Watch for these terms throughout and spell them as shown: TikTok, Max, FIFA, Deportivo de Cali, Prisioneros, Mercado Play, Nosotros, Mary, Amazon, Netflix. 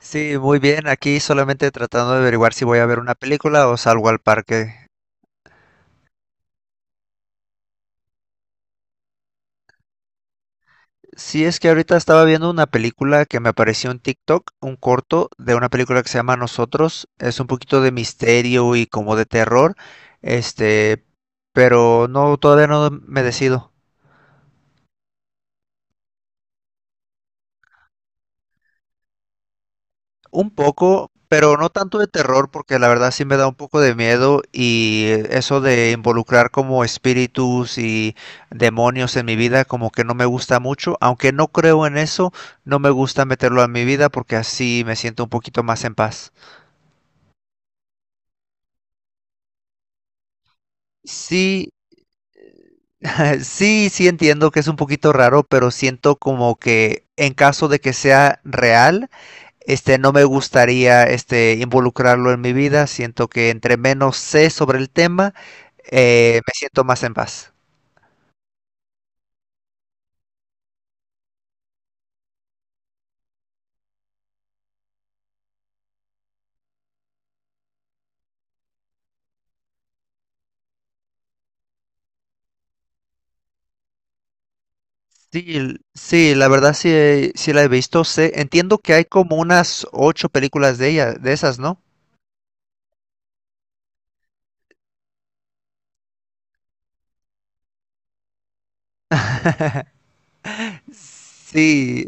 Sí, muy bien. Aquí solamente tratando de averiguar si voy a ver una película o salgo al parque. Sí, es que ahorita estaba viendo una película que me apareció en TikTok, un corto de una película que se llama Nosotros. Es un poquito de misterio y como de terror. Este, pero no, todavía no me decido. Un poco, pero no tanto de terror, porque la verdad sí me da un poco de miedo y eso de involucrar como espíritus y demonios en mi vida como que no me gusta mucho, aunque no creo en eso, no me gusta meterlo en mi vida porque así me siento un poquito más en paz. Sí, sí, sí entiendo que es un poquito raro, pero siento como que en caso de que sea real, no me gustaría involucrarlo en mi vida. Siento que entre menos sé sobre el tema, me siento más en paz. Sí, sí, la verdad sí, sí la he visto. Sé, entiendo que hay como unas ocho películas de ella, de esas, ¿no? Sí,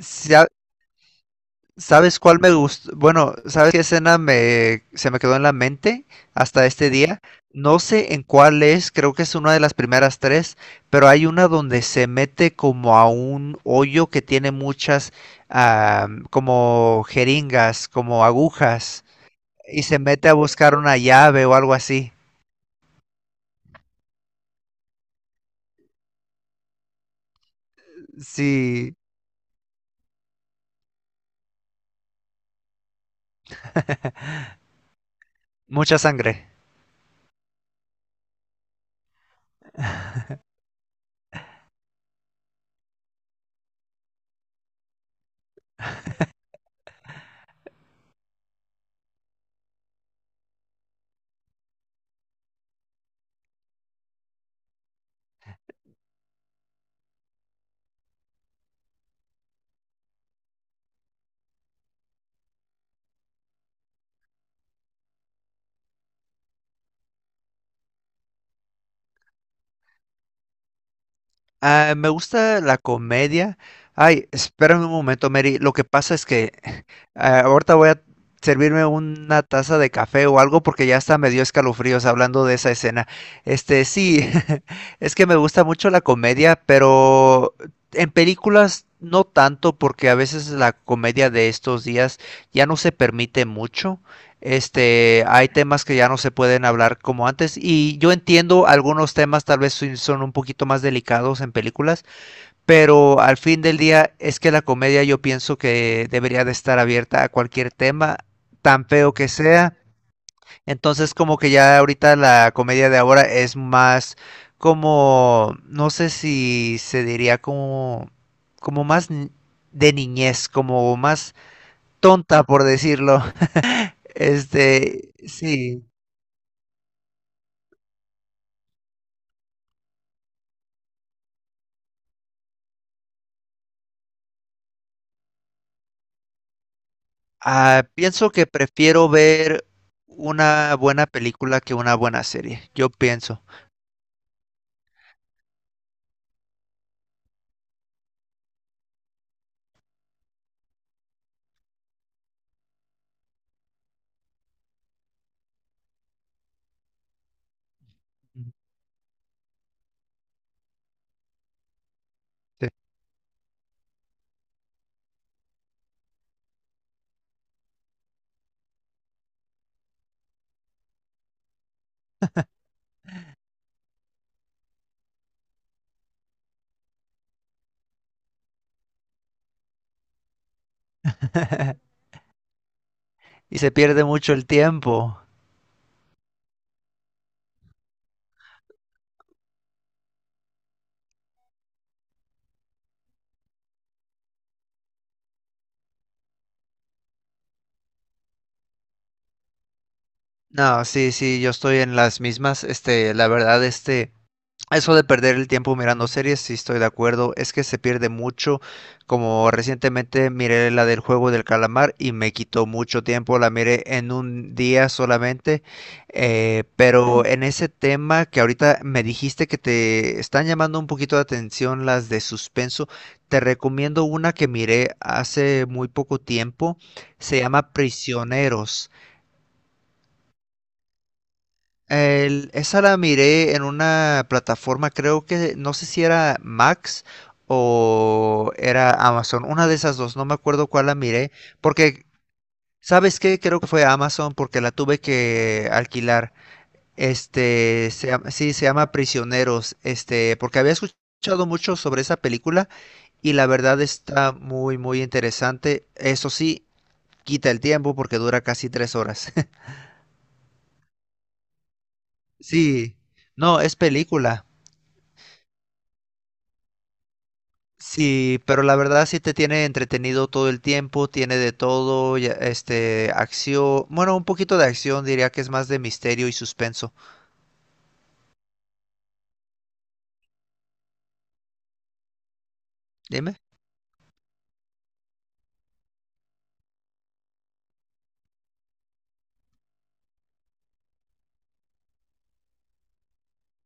sí, ¿sabes cuál me gustó? Bueno, ¿sabes qué escena me, se me quedó en la mente hasta este día? No sé en cuál es, creo que es una de las primeras tres, pero hay una donde se mete como a un hoyo que tiene muchas, ah, como jeringas, como agujas, y se mete a buscar una llave o algo así. Sí, mucha sangre. Ah, me gusta la comedia. Ay, espérame un momento, Mary. Lo que pasa es que, ah, ahorita voy a servirme una taza de café o algo porque ya hasta me dio escalofríos hablando de esa escena. Sí, es que me gusta mucho la comedia, pero en películas no tanto porque a veces la comedia de estos días ya no se permite mucho. Hay temas que ya no se pueden hablar como antes, y yo entiendo algunos temas tal vez sí son un poquito más delicados en películas, pero al fin del día es que la comedia yo pienso que debería de estar abierta a cualquier tema, tan feo que sea. Entonces como que ya ahorita la comedia de ahora es más como, no sé si se diría como, como más de niñez, como más tonta por decirlo. Sí. Ah, pienso que prefiero ver una buena película que una buena serie. Yo pienso. Mm, sí. Y se pierde mucho el tiempo. No, sí, sí, yo estoy en las mismas, la verdad, eso de perder el tiempo mirando series, sí estoy de acuerdo, es que se pierde mucho, como recientemente miré la del juego del calamar y me quitó mucho tiempo, la miré en un día solamente, pero en ese tema que ahorita me dijiste que te están llamando un poquito de atención las de suspenso, te recomiendo una que miré hace muy poco tiempo, se llama Prisioneros. Esa la miré en una plataforma, creo que no sé si era Max o era Amazon, una de esas dos, no me acuerdo cuál la miré, porque, ¿sabes qué? Creo que fue Amazon porque la tuve que alquilar. Sí, se llama Prisioneros, porque había escuchado mucho sobre esa película y la verdad está muy, muy interesante. Eso sí, quita el tiempo porque dura casi 3 horas. Sí, no, es película. Sí, pero la verdad sí te tiene entretenido todo el tiempo, tiene de todo, acción, bueno, un poquito de acción, diría que es más de misterio y suspenso. Dime.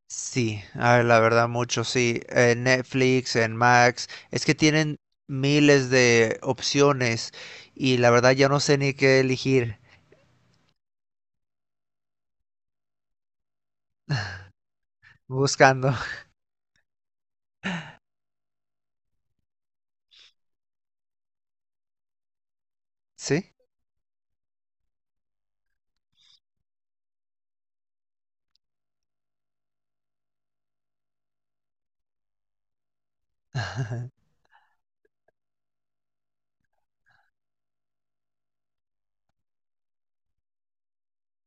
Sí, a ver, la verdad mucho, sí. En Netflix, en Max, es que tienen miles de opciones y la verdad ya no sé ni qué elegir buscando. ¿Sí?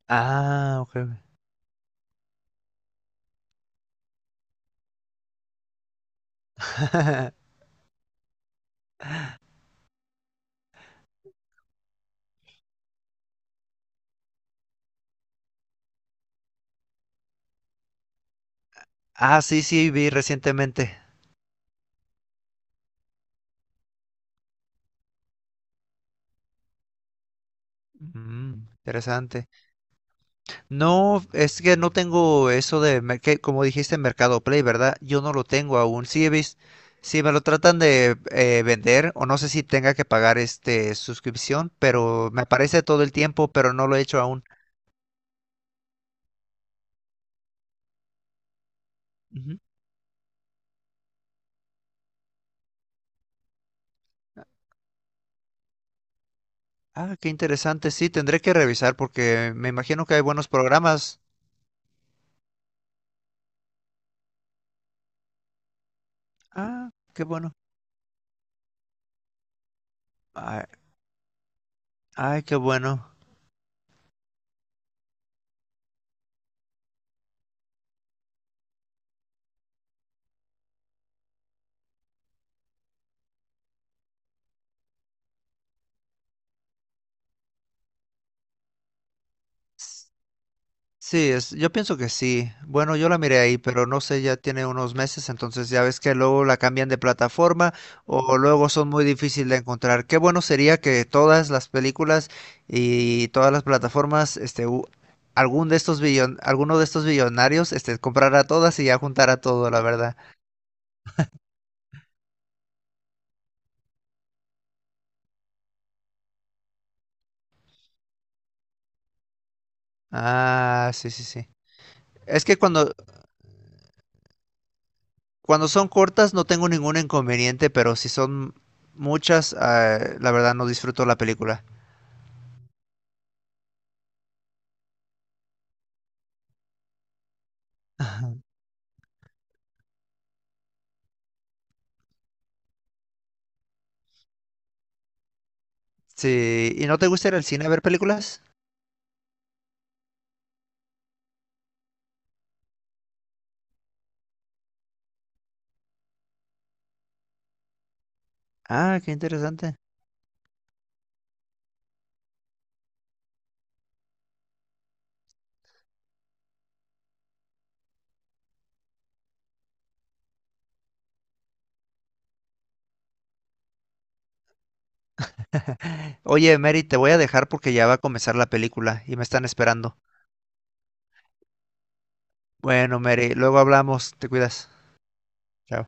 Ah, ok. Ah, sí, sí, vi recientemente. Mm, interesante. No, es que no tengo eso de, que, como dijiste, Mercado Play, ¿verdad? Yo no lo tengo aún. Sí, sí me lo tratan de vender, o no sé si tenga que pagar este suscripción, pero me aparece todo el tiempo, pero no lo he hecho aún. Ujú. Ah, qué interesante. Sí, tendré que revisar porque me imagino que hay buenos programas. Ah, qué bueno. Ay, ay, qué bueno. Sí, es, yo pienso que sí. Bueno, yo la miré ahí, pero no sé, ya tiene unos meses, entonces ya ves que luego la cambian de plataforma o luego son muy difíciles de encontrar. Qué bueno sería que todas las películas y todas las plataformas, este, u- algún de estos billon, alguno de estos billonarios, comprara todas y ya juntara todo, la verdad. Ah, sí, sí, sí. Es que cuando son cortas no tengo ningún inconveniente, pero si son muchas, ah, la verdad no disfruto la película. Sí, ¿y no te gusta ir al cine a ver películas? Ah, qué interesante. Oye, Mary, te voy a dejar porque ya va a comenzar la película y me están esperando. Bueno, Mary, luego hablamos, te cuidas. Chao.